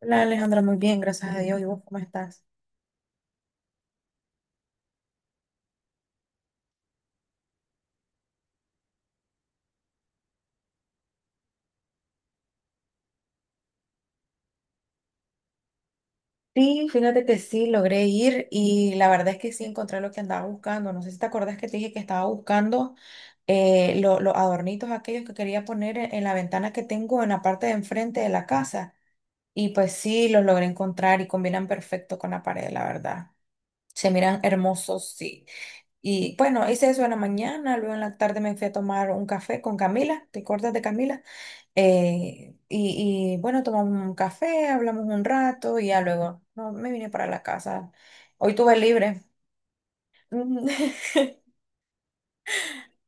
Hola Alejandra, muy bien, gracias a Dios. ¿Y vos cómo estás? Sí, fíjate que sí, logré ir y la verdad es que sí encontré lo que andaba buscando. No sé si te acordás que te dije que estaba buscando los adornitos aquellos que quería poner en la ventana que tengo en la parte de enfrente de la casa. Y pues sí, los logré encontrar y combinan perfecto con la pared, la verdad. Se miran hermosos, sí. Y bueno, hice eso en la mañana, luego en la tarde me fui a tomar un café con Camila, ¿te acuerdas de Camila? Bueno, tomamos un café, hablamos un rato y ya luego no, me vine para la casa. Hoy tuve libre. Mm.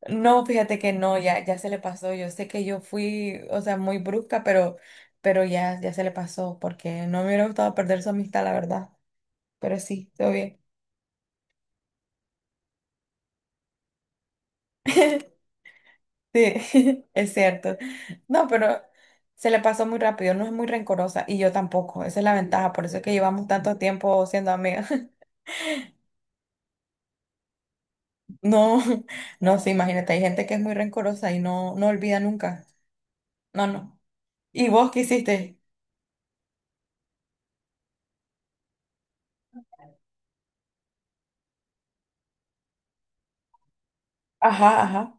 No, fíjate que no, ya se le pasó. Yo sé que yo fui, o sea, muy brusca, pero, pero ya se le pasó porque no me hubiera gustado perder su amistad, la verdad. Pero sí, todo bien. Sí, es cierto. No, pero se le pasó muy rápido, no es muy rencorosa y yo tampoco. Esa es la ventaja, por eso es que llevamos tanto tiempo siendo amigas. No, no, sí, imagínate, hay gente que es muy rencorosa y no olvida nunca. No, no. ¿Y vos qué hiciste? Ajá, ajá,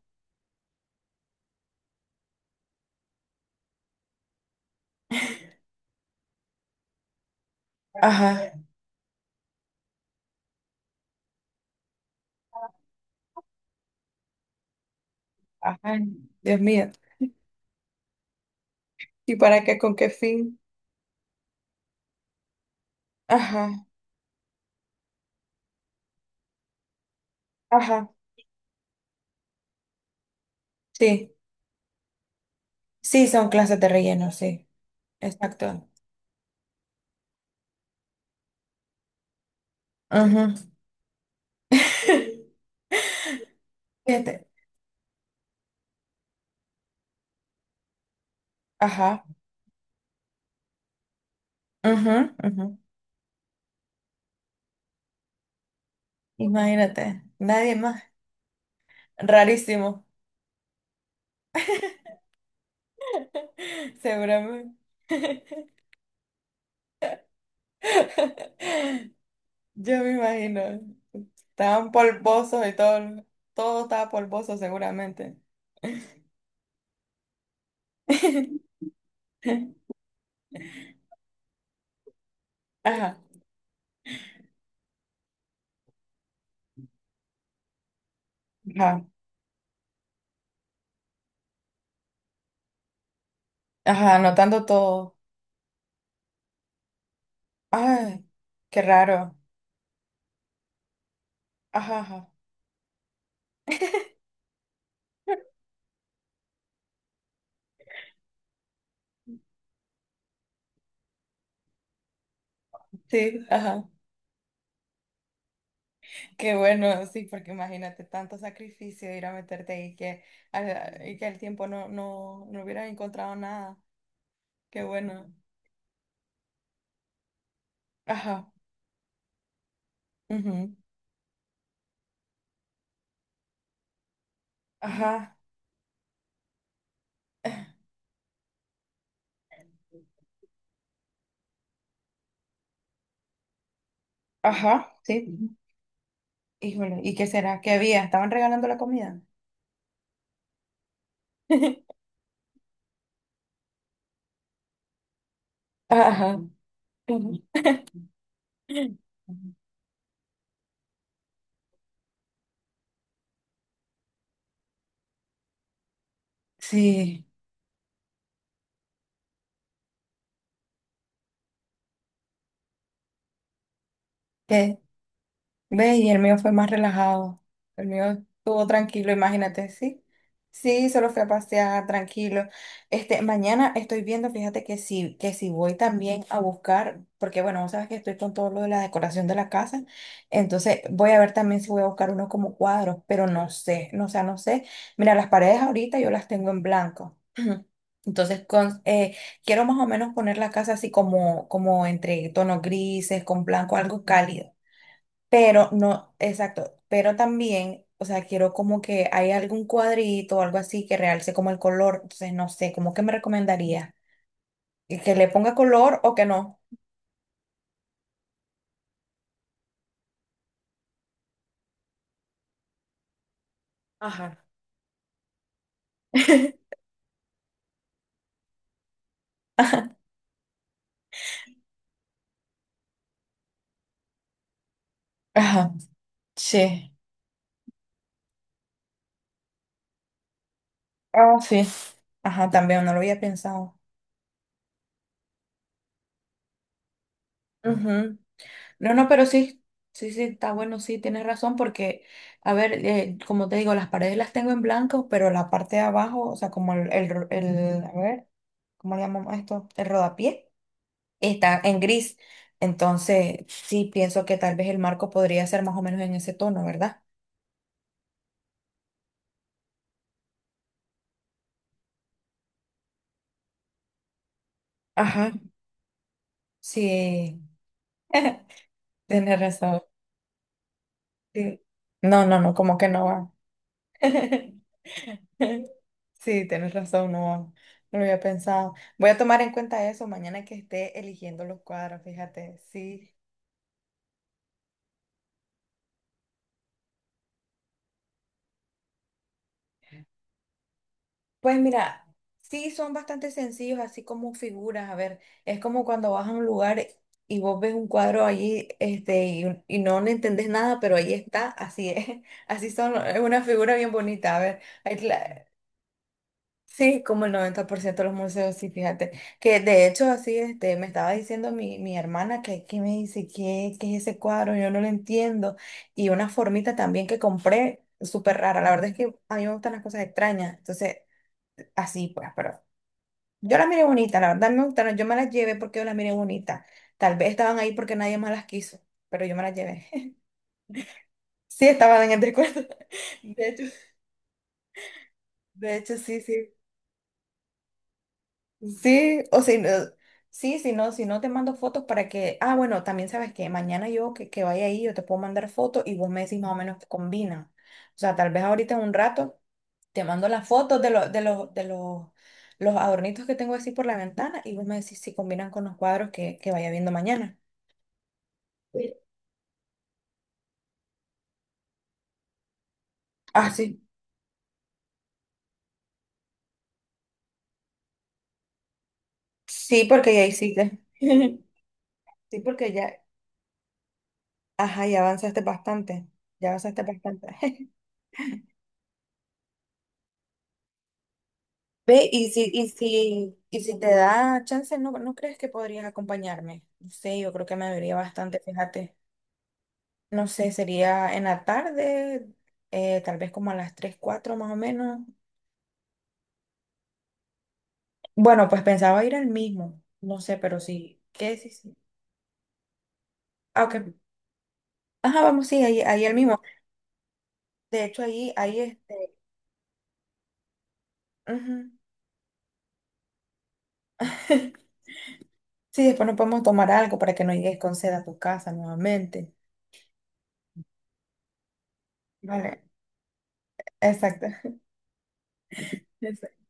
ajá, ajá. Dios mío. ¿Y para qué? ¿Con qué fin? Ajá, ajá, sí. Sí, son clases de relleno, sí. Exacto. Ujú. Fíjate. Ajá. Ujú, ujú. Imagínate. Nadie más. Rarísimo. Seguramente. Yo me imagino. Estaban polvosos y todo, todo estaba polvoso seguramente. Ajá, ajá, ajá, anotando todo. Ay, qué raro. Ajá, ajá. Sí, ajá. Qué bueno, sí, porque imagínate tanto sacrificio ir a meterte ahí que, y que el tiempo no, no hubiera encontrado nada. Qué bueno. Ajá, ujú. Ajá, ajá, sí. Híjole, ¿y qué será? ¿Qué había? ¿Estaban regalando la comida? Ajá. Sí, que ve, y el mío fue más relajado. El mío estuvo tranquilo, imagínate, sí. Sí, solo fui a pasear tranquilo. Este, mañana estoy viendo, fíjate que sí, que si voy también a buscar, porque bueno, vos sabes que estoy con todo lo de la decoración de la casa, entonces voy a ver también si voy a buscar unos como cuadros, pero no sé, no, o sea, no sé. Mira, las paredes ahorita yo las tengo en blanco. Entonces, quiero más o menos poner la casa así como, como entre tonos grises, con blanco, algo cálido. Pero no, exacto, pero también, o sea, quiero como que hay algún cuadrito o algo así que realce como el color. Entonces, no sé, ¿cómo que me recomendaría? ¿Que le ponga color o que no? Ajá. Ajá, sí. Ah, sí. Ajá, también no lo había pensado. Ujú. No, no, pero sí, sí, sí, está bueno, sí, tienes razón, porque, a ver, como te digo, las paredes las tengo en blanco, pero la parte de abajo, o sea, como a ver, ¿cómo le llamamos esto? El rodapié, está en gris. Entonces, sí, pienso que tal vez el marco podría ser más o menos en ese tono, ¿verdad? Ajá. Sí, tienes razón. Sí. No, no, no, como que no va. Sí, tienes razón, no, no lo había pensado. Voy a tomar en cuenta eso mañana que esté eligiendo los cuadros, fíjate, sí. Pues mira, sí son bastante sencillos, así como figuras, a ver, es como cuando vas a un lugar y vos ves un cuadro allí, este, y no le entendés nada, pero ahí está, así es, así son, es una figura bien bonita, a ver. Sí, como el 90% de los museos, sí, fíjate. Que de hecho, así, este, me estaba diciendo mi hermana que me dice, ¿qué es ese cuadro? Yo no lo entiendo. Y una formita también que compré, súper rara. La verdad es que a mí me gustan las cosas extrañas. Entonces, así pues, pero yo las miré bonita, la verdad me gustaron. Yo me las llevé porque yo las miré bonita. Tal vez estaban ahí porque nadie más las quiso, pero yo me las llevé. Sí, estaban en el descuento. De hecho, de hecho, sí, sí. Sí, o si no, sí, si no te mando fotos para que, ah, bueno, también sabes que mañana yo que vaya ahí, yo te puedo mandar fotos y vos me decís más o menos que combina. O sea, tal vez ahorita en un rato te mando las fotos los adornitos que tengo así por la ventana y vos me decís si combinan con los cuadros que vaya viendo mañana. Sí. Ah, sí. Sí, porque ya hiciste. Sí, porque ya, ajá, ya avanzaste bastante. Ya avanzaste bastante. Ve, y si te da chance, ¿no crees que podrías acompañarme? No sé, yo creo que me vería bastante, fíjate. No sé, sería en la tarde, tal vez como a las 3 4 más o menos. Bueno, pues pensaba ir al mismo. No sé, pero sí. ¿Qué? Sí, sí. Ah, ok. Ajá, vamos, sí, ahí, ahí el mismo. De hecho, ahí, ahí este. Ujú. Sí, después nos podemos tomar algo para que no llegues con sed a tu casa nuevamente. Vale, exacto. Exacto.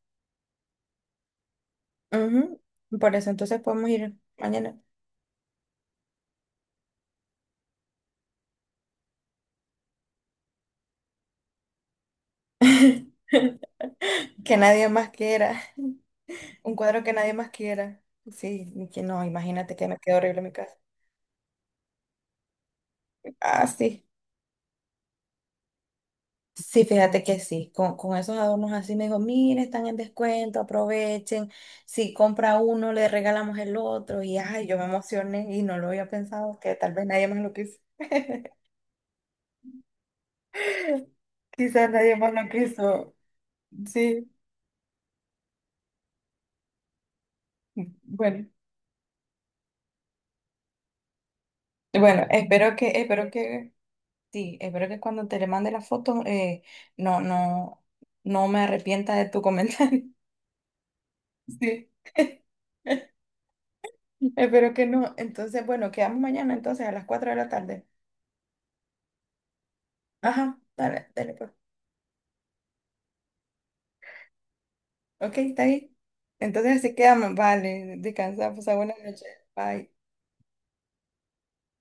Ujú. Por eso entonces podemos ir mañana. Que nadie más quiera. Un cuadro que nadie más quiera. Sí, ni que no, imagínate que me quedó horrible en mi casa. Ah, sí. Sí, fíjate que sí. Con esos adornos así me dijo, mire, están en descuento, aprovechen. Si compra uno, le regalamos el otro. Y ay, yo me emocioné y no lo había pensado, que tal vez nadie más lo quiso. Quizás nadie más lo quiso. Sí, bueno. Bueno, espero que, espero que. Sí, espero que cuando te le mande la foto no, no, no me arrepienta de tu comentario. Sí. Espero que no. Entonces, bueno, quedamos mañana entonces a las 4 de la tarde. Ajá, dale, dale pues. Ok, está ahí. Entonces así quedamos. Vale, descansa, pues buenas noches. Bye.